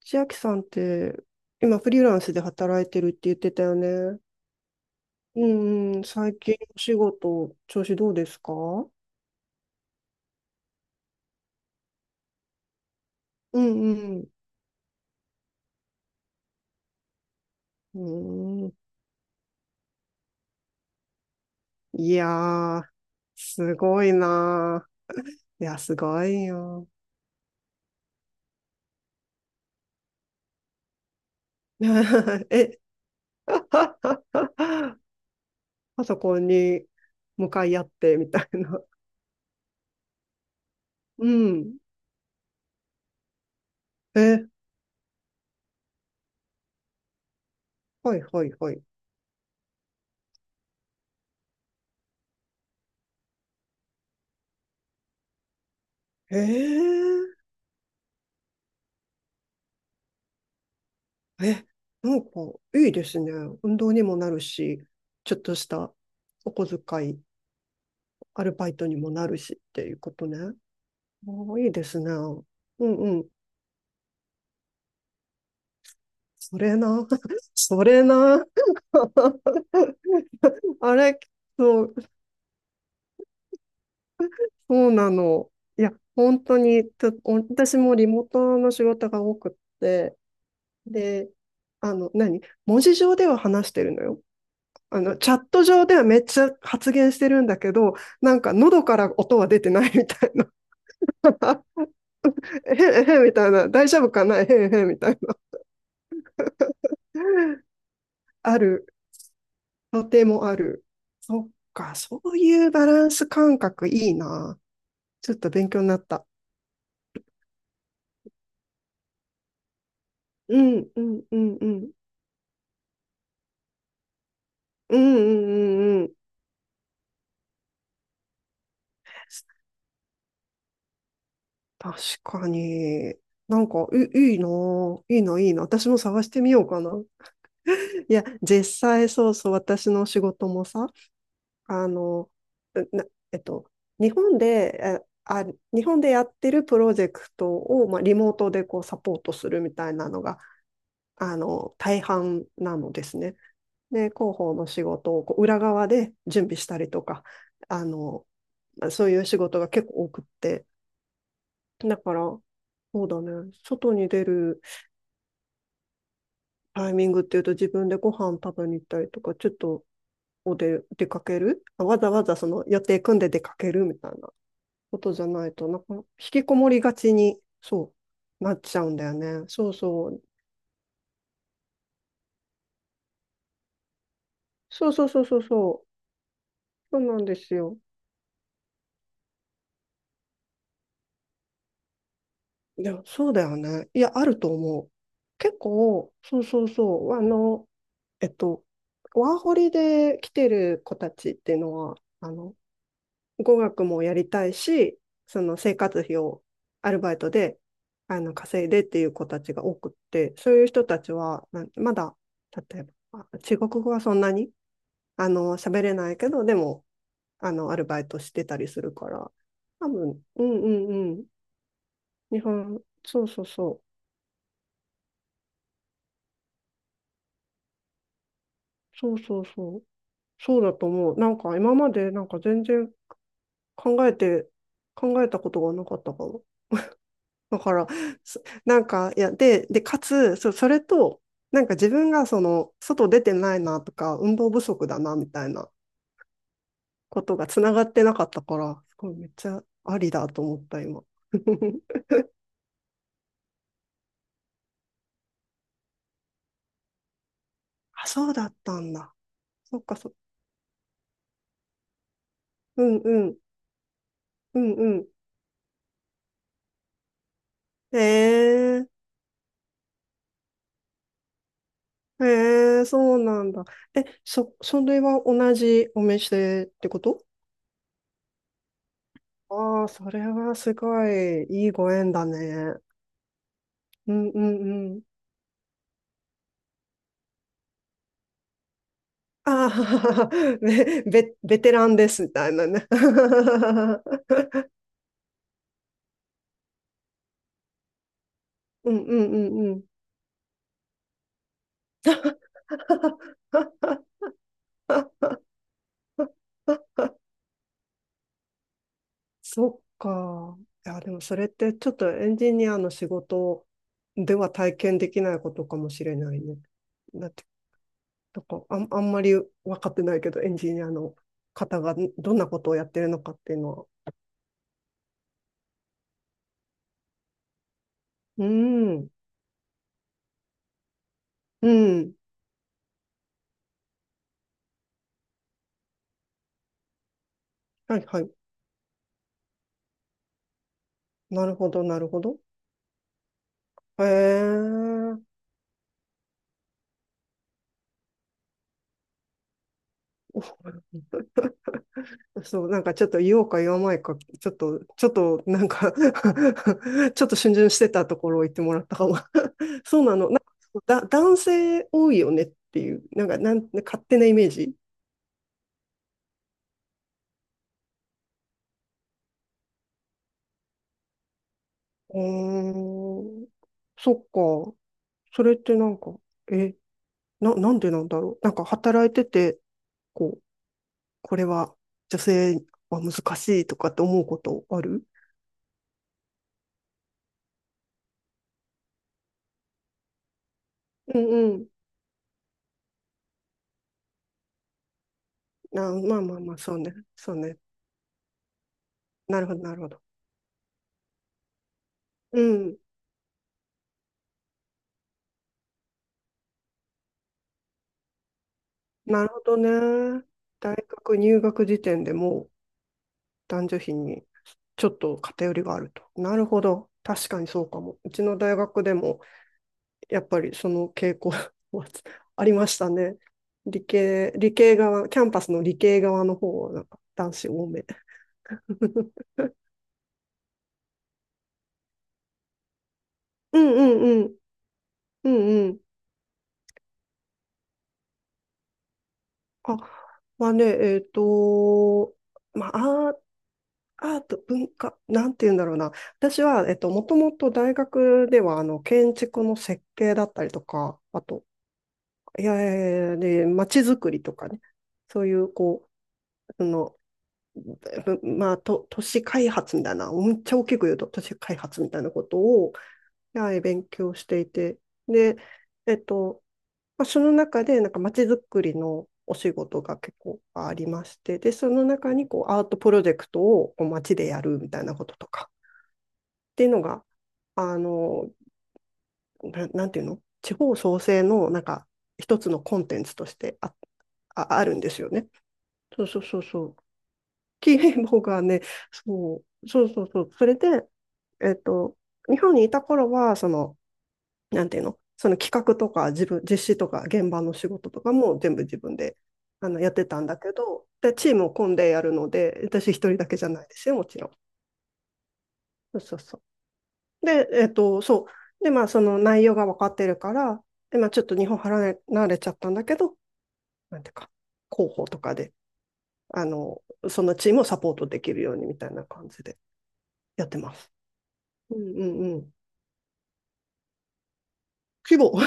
千秋さんって、今フリーランスで働いてるって言ってたよね。うんうん、最近お仕事、調子どうですか？うんうん。うん。いやー、すごいなー。いや、すごいよ。え、パソコンに向かい合ってみたいな。うん。え、はいはいはい。えーえ、なんかいいですね。運動にもなるし、ちょっとしたお小遣い、アルバイトにもなるしっていうことね。おー、いいですね。うんうん。それな。それな。あれ、そう、そうなの。いや、本当に、ちょお私もリモートの仕事が多くって、で、何文字上では話してるのよ。チャット上ではめっちゃ発言してるんだけど、なんか喉から音は出てないみたいな、えへへみたいな、大丈夫かな、えへへみたいな、ある、とてもある。そっか、そういうバランス感覚いいな。ちょっと勉強になった。うん、うん、うん、うん。うん、うん、うん、うん。確かに。なんか、いいなぁ、いいな、いいな。私も探してみようかな。いや、実際そうそう、私の仕事もさ、あの、うな、えっと、日本で、えあ日本でやってるプロジェクトを、まあ、リモートでこうサポートするみたいなのが、大半なのですね。で、広報の仕事をこう裏側で準備したりとか、あの、そういう仕事が結構多くって。だから、そうだね、外に出るタイミングっていうと、自分でご飯食べに行ったりとか、ちょっと出かける、わざわざその予定組んで出かけるみたいなことじゃないと、なんか、引きこもりがちに、そう、なっちゃうんだよね。そうそう。そうそうそうそうそう。そうなんですよ。いや、そうだよね。いや、あると思う。結構、そうそうそう。えっと、ワーホリで来てる子たちっていうのは、あの、語学もやりたいし、その生活費をアルバイトで、稼いでっていう子たちが多くって、そういう人たちは、なまだ、例えば、中国語はそんなに喋れないけど、でも、アルバイトしてたりするから、多分、うんうんうん。そうそうそう。そうそうそう。そうだと思う。なんか今までなんか全然考えて、考えたことがなかったかも。だから、そなんか、いや、で、かつ、それと、なんか自分がその、外出てないなとか、運動不足だなみたいなことがつながってなかったから、すごいめっちゃありだと思った、今。あ、そうだったんだ。そっかそっか。うんうん。うんうん。ええ、ええ、そうなんだ。え、それは同じお店ってこと？ああー、それはすごいいいご縁だね。うんうんうん。ああ、ね、ベテランですみたいなね。うんうんうんうん。そっか。いや、でもそれってちょっとエンジニアの仕事では体験できないことかもしれないね。だってとかあんまり分かってないけど、エンジニアの方がどんなことをやってるのかっていうのは。うん、うん。はいはい。なるほど、なるほど。へえ。そう、なんかちょっと言おうか言わないか、ちょっとなんか ちょっと逡巡してたところを言ってもらったかも。そうなの。なんかだ、男性多いよねっていう、なんか、勝手なイメージ。うーん。そっか。それってなんか、え、なんでなんだろう。なんか働いてて、こう、これは女性は難しいとかって思うことある？うんうん。あ、まあまあまあ、そうね。そうね。なるほど、なるほど。うん。なるほどね。大学入学時点でもう男女比にちょっと偏りがあると。なるほど。確かにそうかも。うちの大学でも、やっぱりその傾向は ありましたね。理系側、キャンパスの理系側の方はなんか男子多め。うんうんうん。うんうん。あ、まあね、まあ、アート、文化、なんて言うんだろうな。私は、もともと大学では、建築の設計だったりとか、あと、いやいやいやで、街づくりとかね、そういう、こう、その、ぶまあ、と、都市開発みたいな、めっちゃ大きく言うと、都市開発みたいなことを、はい、勉強していて、で、えっと、まあ、その中で、なんか街づくりのお仕事が結構ありまして、で、その中にこうアートプロジェクトをこう街でやるみたいなこととかっていうのが、あの、なんていうの地方創生のなんか一つのコンテンツとしてあるんですよね。そうそうそうそう。キーボがね、そう、そうそうそう。それで、えっと、日本にいた頃は、その、なんていうの、その企画とか自分、実施とか現場の仕事とかも全部自分でやってたんだけど、で、チームを組んでやるので、私一人だけじゃないですよ、もちろん。そうそうそう。で、そう。で、まあ、その内容が分かってるから、で、まあ、ちょっと日本離れ、慣れちゃったんだけど、なんていうか、広報とかで、あの、そのチームをサポートできるようにみたいな感じでやってます。うんうんうん。規模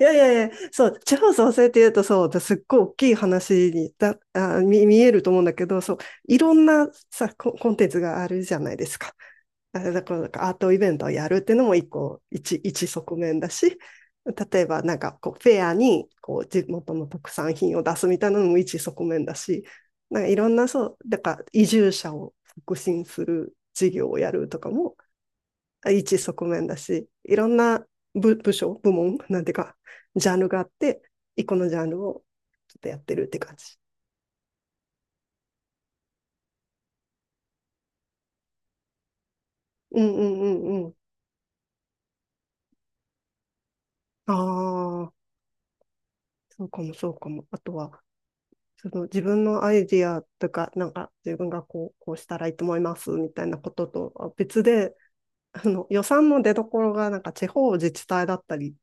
いやいやいや、そう、地方創生って言うと、そう、すっごい大きい話にだあ見、見えると思うんだけど、そう、いろんなさ、コンテンツがあるじゃないですか。だから、なんかアートイベントをやるっていうのも一個、一側面だし、例えばなんかこう、フェアに、こう、地元の特産品を出すみたいなのも一側面だし、なんかいろんな、そう、だから移住者を促進する事業をやるとかも一側面だし、いろんな部署、部門、なんていうか、ジャンルがあって、一個のジャンルをちょっとやってるって感じ。うんうんうんうん。ああ、そうかもそうかも。あとは、その自分のアイディアとか、なんか自分がこう、こうしたらいいと思いますみたいなこととは別で、あの予算の出どころがなんか地方自治体だったり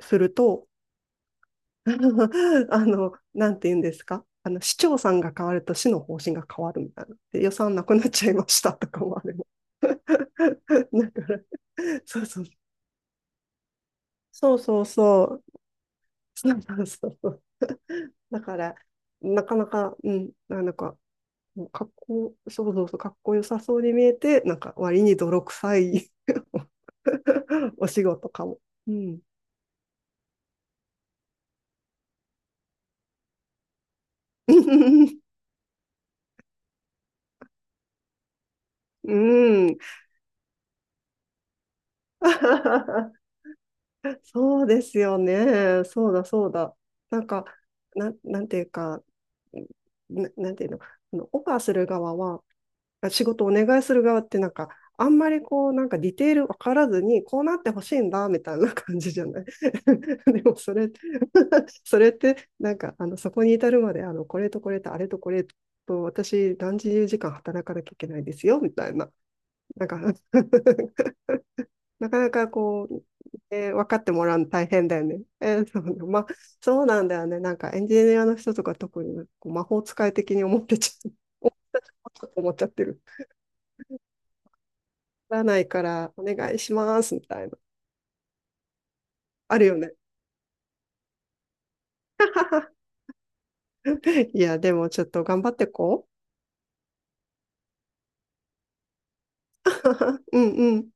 すると、なんて言うんですか？市長さんが変わると市の方針が変わるみたいな。で、予算なくなっちゃいましたとかもあれも。だから、そうそう。そうそうそう。そうそうそうそう。だから、なかなか、うん、なんか、もうかっこ、そうそうそうそうそうだからなかなかうんなんかもうっこそうそうそうかっこよさそうに見えて、なんか割に泥臭い お仕事かも。うん。うん。そうですよね。そうだ、そうだ。なんか、なんていうか、なんていうの、あのオファーする側は、仕事お願いする側ってなんか、あんまりこう、なんかディテール分からずに、こうなってほしいんだ、みたいな感じじゃない？ でもそれ、それって、なんか、そこに至るまで、これとこれとあれとこれと、私何十時間働かなきゃいけないですよ、みたいな。なんか なかなかこう、分かってもらうの大変だよね。そうね、まあ、そうなんだよね。なんかエンジニアの人とか特にこう魔法使い的に思ってちゃう。思思っちゃってる。ならないからお願いしますみたいな。あるよね。いや、でもちょっと頑張ってこう。うんうん。